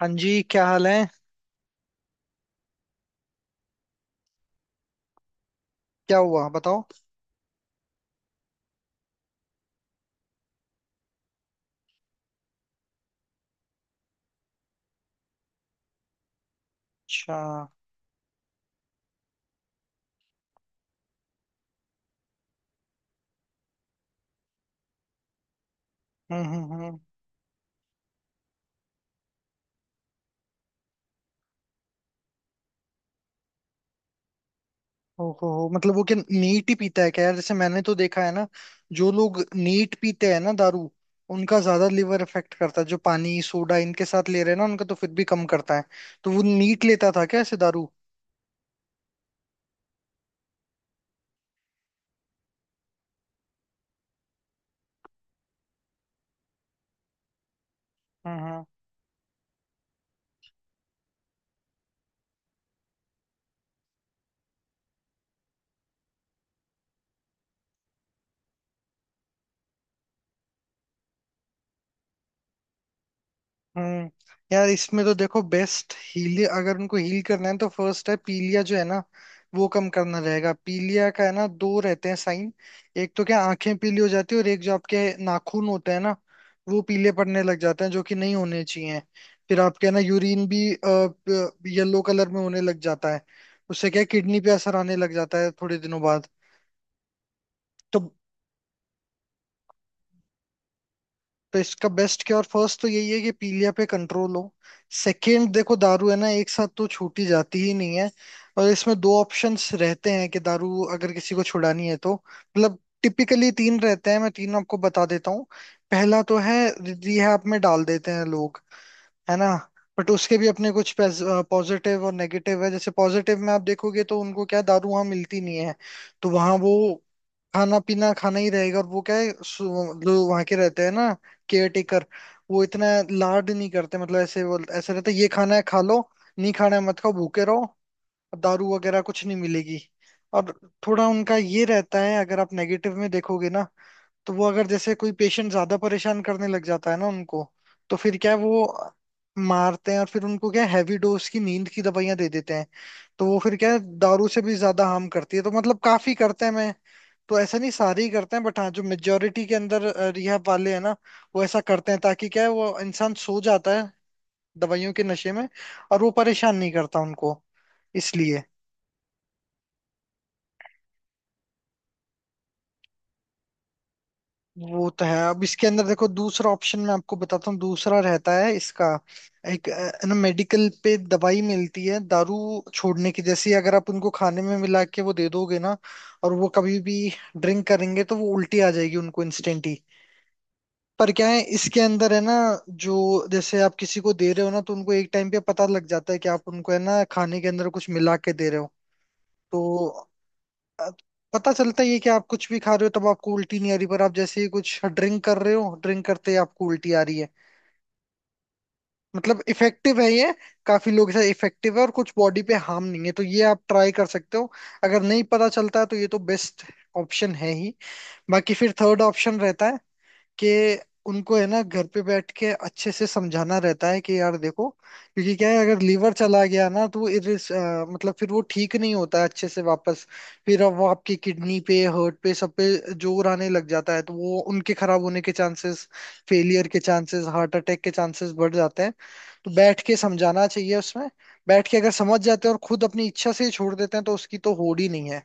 हाँ जी, क्या हाल है। क्या हुआ बताओ। अच्छा। हम्म, हम्म, हम्म। ओहो हो, मतलब वो क्या नीट ही पीता है क्या यार। जैसे मैंने तो देखा है ना, जो लोग नीट पीते हैं ना दारू, उनका ज्यादा लीवर इफेक्ट करता है। जो पानी सोडा इनके साथ ले रहे हैं ना, उनका तो फिर भी कम करता है। तो वो नीट लेता था क्या ऐसे दारू? हम्म, हम्म। यार, इसमें तो देखो बेस्ट हील अगर उनको हील करना है, तो फर्स्ट है पीलिया जो है ना। वो कम करना रहेगा। पीलिया का है ना, दो रहते हैं साइन। एक तो क्या आंखें पीली हो जाती है, और एक जो आपके नाखून होते हैं ना, वो पीले पड़ने लग जाते हैं जो कि नहीं होने चाहिए। फिर आपके है ना यूरिन भी येलो कलर में होने लग जाता है। उससे क्या किडनी पे असर आने लग जाता है थोड़े दिनों बाद। तो तो इसका बेस्ट क्या और फर्स्ट तो यही है कि पीलिया पे कंट्रोल हो। सेकंड देखो, दारू है ना, एक साथ तो छूटी जाती ही नहीं है। और इसमें दो ऑप्शंस रहते हैं कि दारू अगर किसी को छुड़ानी है तो, मतलब टिपिकली तीन रहते हैं, मैं तीन आपको बता देता हूँ। पहला तो है रिहैब में डाल देते हैं लोग। है ना। बट उसके भी अपने कुछ पॉजिटिव और नेगेटिव है। जैसे पॉजिटिव में आप देखोगे तो उनको क्या है, दारू वहां मिलती नहीं है। तो वहां वो खाना पीना खाना ही रहेगा, और वो क्या है, जो वहां के रहते हैं ना, केयर टेकर, वो इतना लाड नहीं करते। मतलब ऐसे वो ऐसे रहते हैं, ये खाना है खा लो। नहीं खाना है मत खाओ, भूखे रहो। दारू वगैरह कुछ नहीं मिलेगी। और थोड़ा उनका ये रहता है, अगर आप नेगेटिव में देखोगे ना। तो वो अगर जैसे कोई पेशेंट ज्यादा परेशान करने लग जाता है ना उनको, तो फिर क्या है, वो मारते हैं और फिर उनको क्या, हैवी डोज की नींद की दवाइयां दे देते हैं। तो वो फिर क्या है, दारू से भी ज्यादा हार्म करती है, तो मतलब काफी करते हैं मैं। तो ऐसा नहीं सारे ही करते हैं, बट हाँ, जो मेजोरिटी के अंदर रिहब वाले हैं ना, वो ऐसा करते हैं ताकि क्या है, वो इंसान सो जाता है दवाइयों के नशे में, और वो परेशान नहीं करता उनको, इसलिए। वो तो है। अब इसके अंदर देखो दूसरा ऑप्शन मैं आपको बताता हूँ, दूसरा रहता है इसका। एक ना, मेडिकल पे दवाई मिलती है दारू छोड़ने की। जैसे अगर आप उनको खाने में मिला के वो दे दोगे ना, और वो कभी भी ड्रिंक करेंगे तो वो उल्टी आ जाएगी उनको इंस्टेंट ही। पर क्या है इसके अंदर, है ना, जो, जैसे आप किसी को दे रहे हो ना, तो उनको एक टाइम पे पता लग जाता है कि आप उनको है ना खाने के अंदर कुछ मिला के दे रहे हो। तो अ, पता चलता ही है कि आप कुछ भी खा रहे हो तब आपको उल्टी नहीं आ रही, पर आप जैसे ही कुछ ड्रिंक कर रहे हो, ड्रिंक करते ही आपको उल्टी आ रही है। मतलब इफेक्टिव है ये। काफी लोग इसे इफेक्टिव है और कुछ बॉडी पे हार्म नहीं है, तो ये आप ट्राई कर सकते हो। अगर नहीं पता चलता है तो ये तो बेस्ट ऑप्शन है ही। बाकी फिर थर्ड ऑप्शन रहता है कि उनको है ना घर पे बैठ के अच्छे से समझाना रहता है कि यार देखो, क्योंकि क्या है, अगर लीवर चला गया ना तो वो मतलब फिर वो ठीक नहीं होता है अच्छे से वापस। फिर अब वो आपकी किडनी पे, हार्ट पे, सब पे जोर आने लग जाता है, तो वो उनके खराब होने के चांसेस, फेलियर के चांसेस, हार्ट अटैक के चांसेस बढ़ जाते हैं। तो बैठ के समझाना चाहिए उसमें। बैठ के अगर समझ जाते हैं और खुद अपनी इच्छा से ही छोड़ देते हैं तो उसकी तो होड़ ही नहीं है।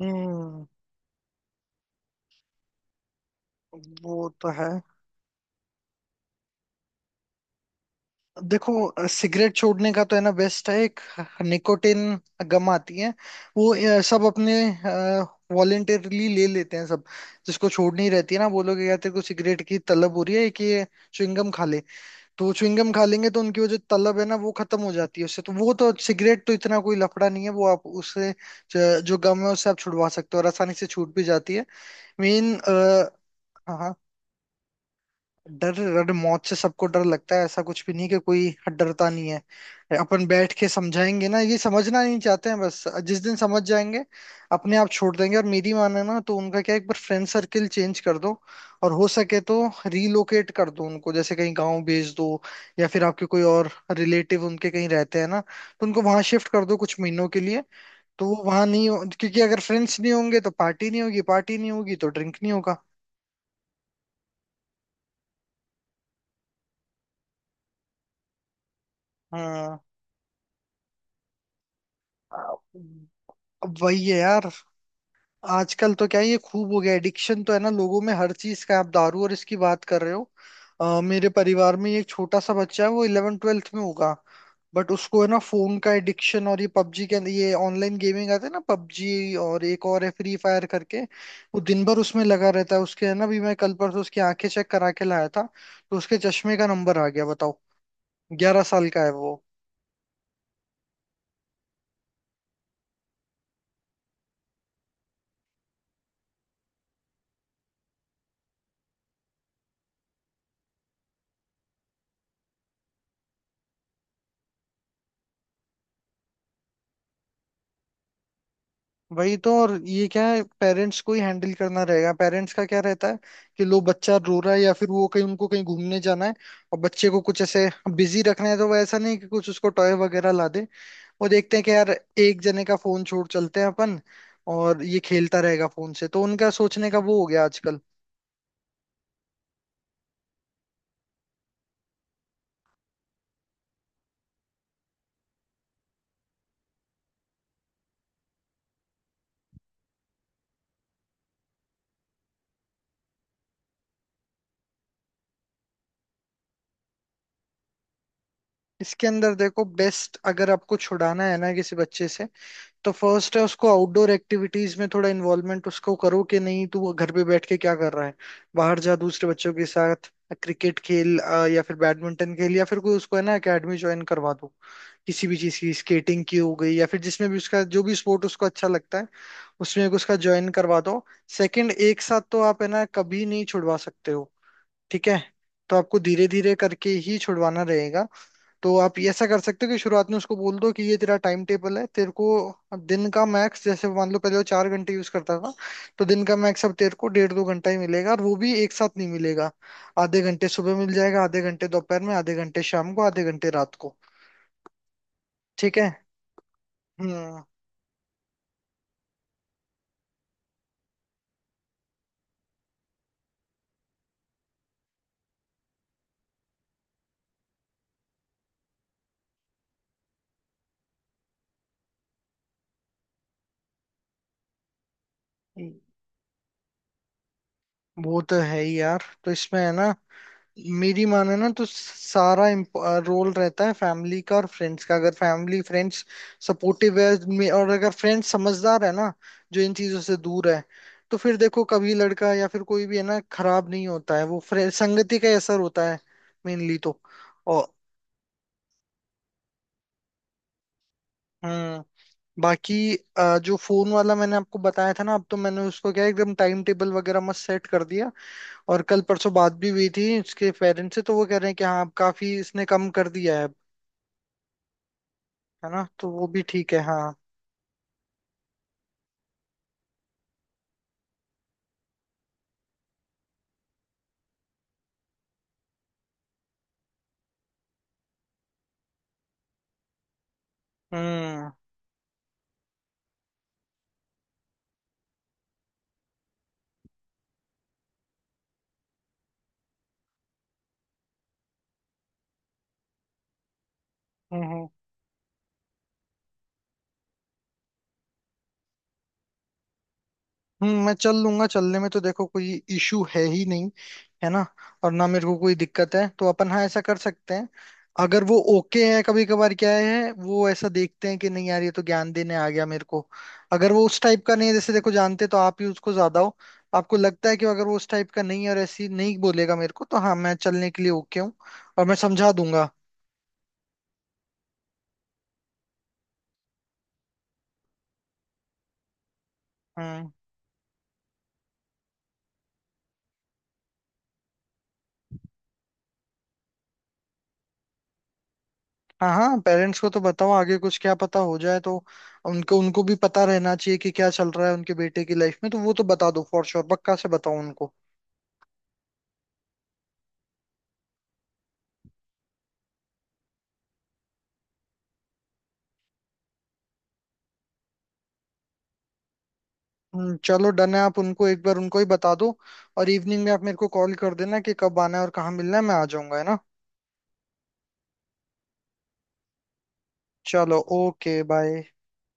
हम्म। वो तो है। देखो सिगरेट छोड़ने का तो है ना बेस्ट है एक निकोटिन गम आती है। वो सब अपने वॉलेंटरली ले लेते हैं सब। जिसको छोड़नी रहती है ना, वो लोग, क्या तेरे को सिगरेट की तलब हो रही है कि ये च्युइंगम खा ले। तो वो च्युइंगम खा लेंगे तो उनकी वो जो तलब है ना, वो खत्म हो जाती है उससे। तो वो तो सिगरेट तो इतना कोई लफड़ा नहीं है, वो आप उससे जो गम है उससे आप छुड़वा सकते हो, और आसानी से छूट भी जाती है। मेन। हाँ। हाँ। डर, डर मौत से सबको डर लगता है, ऐसा कुछ भी नहीं कि कोई डरता नहीं है। अपन बैठ के समझाएंगे ना, ये समझना नहीं चाहते हैं बस, जिस दिन समझ जाएंगे अपने आप छोड़ देंगे। और मेरी माने ना, तो उनका क्या है, एक बार फ्रेंड सर्किल चेंज कर दो। और हो सके तो रीलोकेट कर दो उनको, जैसे कहीं गांव भेज दो, या फिर आपके कोई और रिलेटिव उनके कहीं रहते हैं ना, तो उनको वहां शिफ्ट कर दो कुछ महीनों के लिए। तो वो वहां नहीं क्योंकि अगर फ्रेंड्स नहीं होंगे तो पार्टी नहीं होगी, पार्टी नहीं होगी तो ड्रिंक नहीं होगा। हाँ। अब वही है यार। आजकल तो क्या है, ये खूब हो गया एडिक्शन तो है ना लोगों में हर चीज का, आप दारू और इसकी बात कर रहे हो। मेरे परिवार में एक छोटा सा बच्चा है, वो इलेवन ट्वेल्थ में होगा। बट उसको है ना फोन का एडिक्शन, और ये पबजी के अंदर, ये ऑनलाइन गेमिंग आते हैं ना, पबजी और एक और है फ्री फायर करके। वो दिन भर उसमें लगा रहता है। उसके है ना भी, मैं कल परसों उसकी आंखें चेक करा के लाया था। तो उसके चश्मे का नंबर आ गया बताओ। 11 साल का है वो। वही तो। और ये क्या है, पेरेंट्स को ही हैंडल करना रहेगा। पेरेंट्स का क्या रहता है कि, लो बच्चा रो रहा है या फिर वो कहीं उनको कहीं घूमने जाना है, और बच्चे को कुछ ऐसे बिजी रखना है, तो वो ऐसा नहीं कि कुछ उसको टॉय वगैरह ला दे। वो देखते हैं कि यार, एक जने का फोन छोड़ चलते हैं अपन, और ये खेलता रहेगा फोन से। तो उनका सोचने का वो हो गया आजकल। इसके अंदर देखो बेस्ट, अगर आपको छुड़ाना है ना किसी बच्चे से, तो फर्स्ट है उसको आउटडोर एक्टिविटीज में थोड़ा इन्वॉल्वमेंट उसको करो कि नहीं तू वो घर पे बैठ के क्या कर रहा है। बाहर जा दूसरे बच्चों के साथ क्रिकेट खेल, या फिर बैडमिंटन खेल, या फिर कोई उसको है ना एकेडमी ज्वाइन करवा दो। किसी भी चीज की, स्केटिंग की हो गई, या फिर जिसमें भी उसका जो भी स्पोर्ट उसको अच्छा लगता है, उसमें एक उसका ज्वाइन करवा दो। सेकंड, एक साथ तो आप है ना कभी नहीं छुड़वा सकते हो, ठीक है। तो आपको धीरे धीरे करके ही छुड़वाना रहेगा। तो आप ये ऐसा कर सकते हो कि शुरुआत में उसको बोल दो कि ये तेरा टाइम टेबल है। तेरे को दिन का मैक्स, जैसे मान लो पहले वो 4 घंटे यूज करता था। तो दिन का मैक्स अब तेरे को डेढ़ दो घंटा ही मिलेगा, और वो भी एक साथ नहीं मिलेगा। आधे घंटे सुबह मिल जाएगा, आधे घंटे दोपहर में, आधे घंटे शाम को, आधे घंटे रात को। ठीक है। हम्म। वो तो है ही यार, तो इसमें है ना, मेरी माने ना, तो सारा रोल रहता है फैमिली का और फ्रेंड्स का। अगर फैमिली फ्रेंड्स सपोर्टिव है, और अगर फ्रेंड्स समझदार है ना, जो इन चीजों से दूर है, तो फिर देखो कभी लड़का या फिर कोई भी है ना खराब नहीं होता है वो, संगति का ही असर होता है मेनली तो। और। हम्म। बाकी जो फोन वाला मैंने आपको बताया था ना, अब तो मैंने उसको क्या है, एकदम टाइम टेबल वगैरह मस्त सेट कर दिया। और कल परसों बात भी हुई थी इसके पेरेंट्स से, तो वो कह रहे हैं कि हाँ, अब काफी इसने कम कर दिया है। है ना, तो वो भी ठीक है, हाँ। हम्म, हम्म, हम्म, हम्म। मैं चल लूंगा, चलने में तो देखो कोई इशू है ही नहीं। है ना। और ना मेरे को कोई दिक्कत है, तो अपन हाँ ऐसा कर सकते हैं। अगर वो ओके है, कभी कभार क्या है वो ऐसा देखते हैं कि नहीं यार, ये तो ज्ञान देने आ गया मेरे को। अगर वो उस टाइप का नहीं है, जैसे देखो जानते तो आप ही उसको ज्यादा हो। आपको लगता है कि अगर वो उस टाइप का नहीं है और ऐसी नहीं बोलेगा मेरे को, तो हाँ, मैं चलने के लिए ओके हूँ। और मैं समझा दूंगा। हम्म। हाँ, हाँ, पेरेंट्स को तो बताओ, आगे कुछ क्या पता हो जाए तो। उनको उनको भी पता रहना चाहिए कि क्या चल रहा है उनके बेटे की लाइफ में, तो वो तो बता दो फॉर श्योर, पक्का से बताओ उनको। चलो डन है, आप उनको एक बार, उनको ही बता दो। और इवनिंग में आप मेरे को कॉल कर देना कि कब आना है और कहाँ मिलना है, मैं आ जाऊंगा है ना। चलो, ओके, बाय।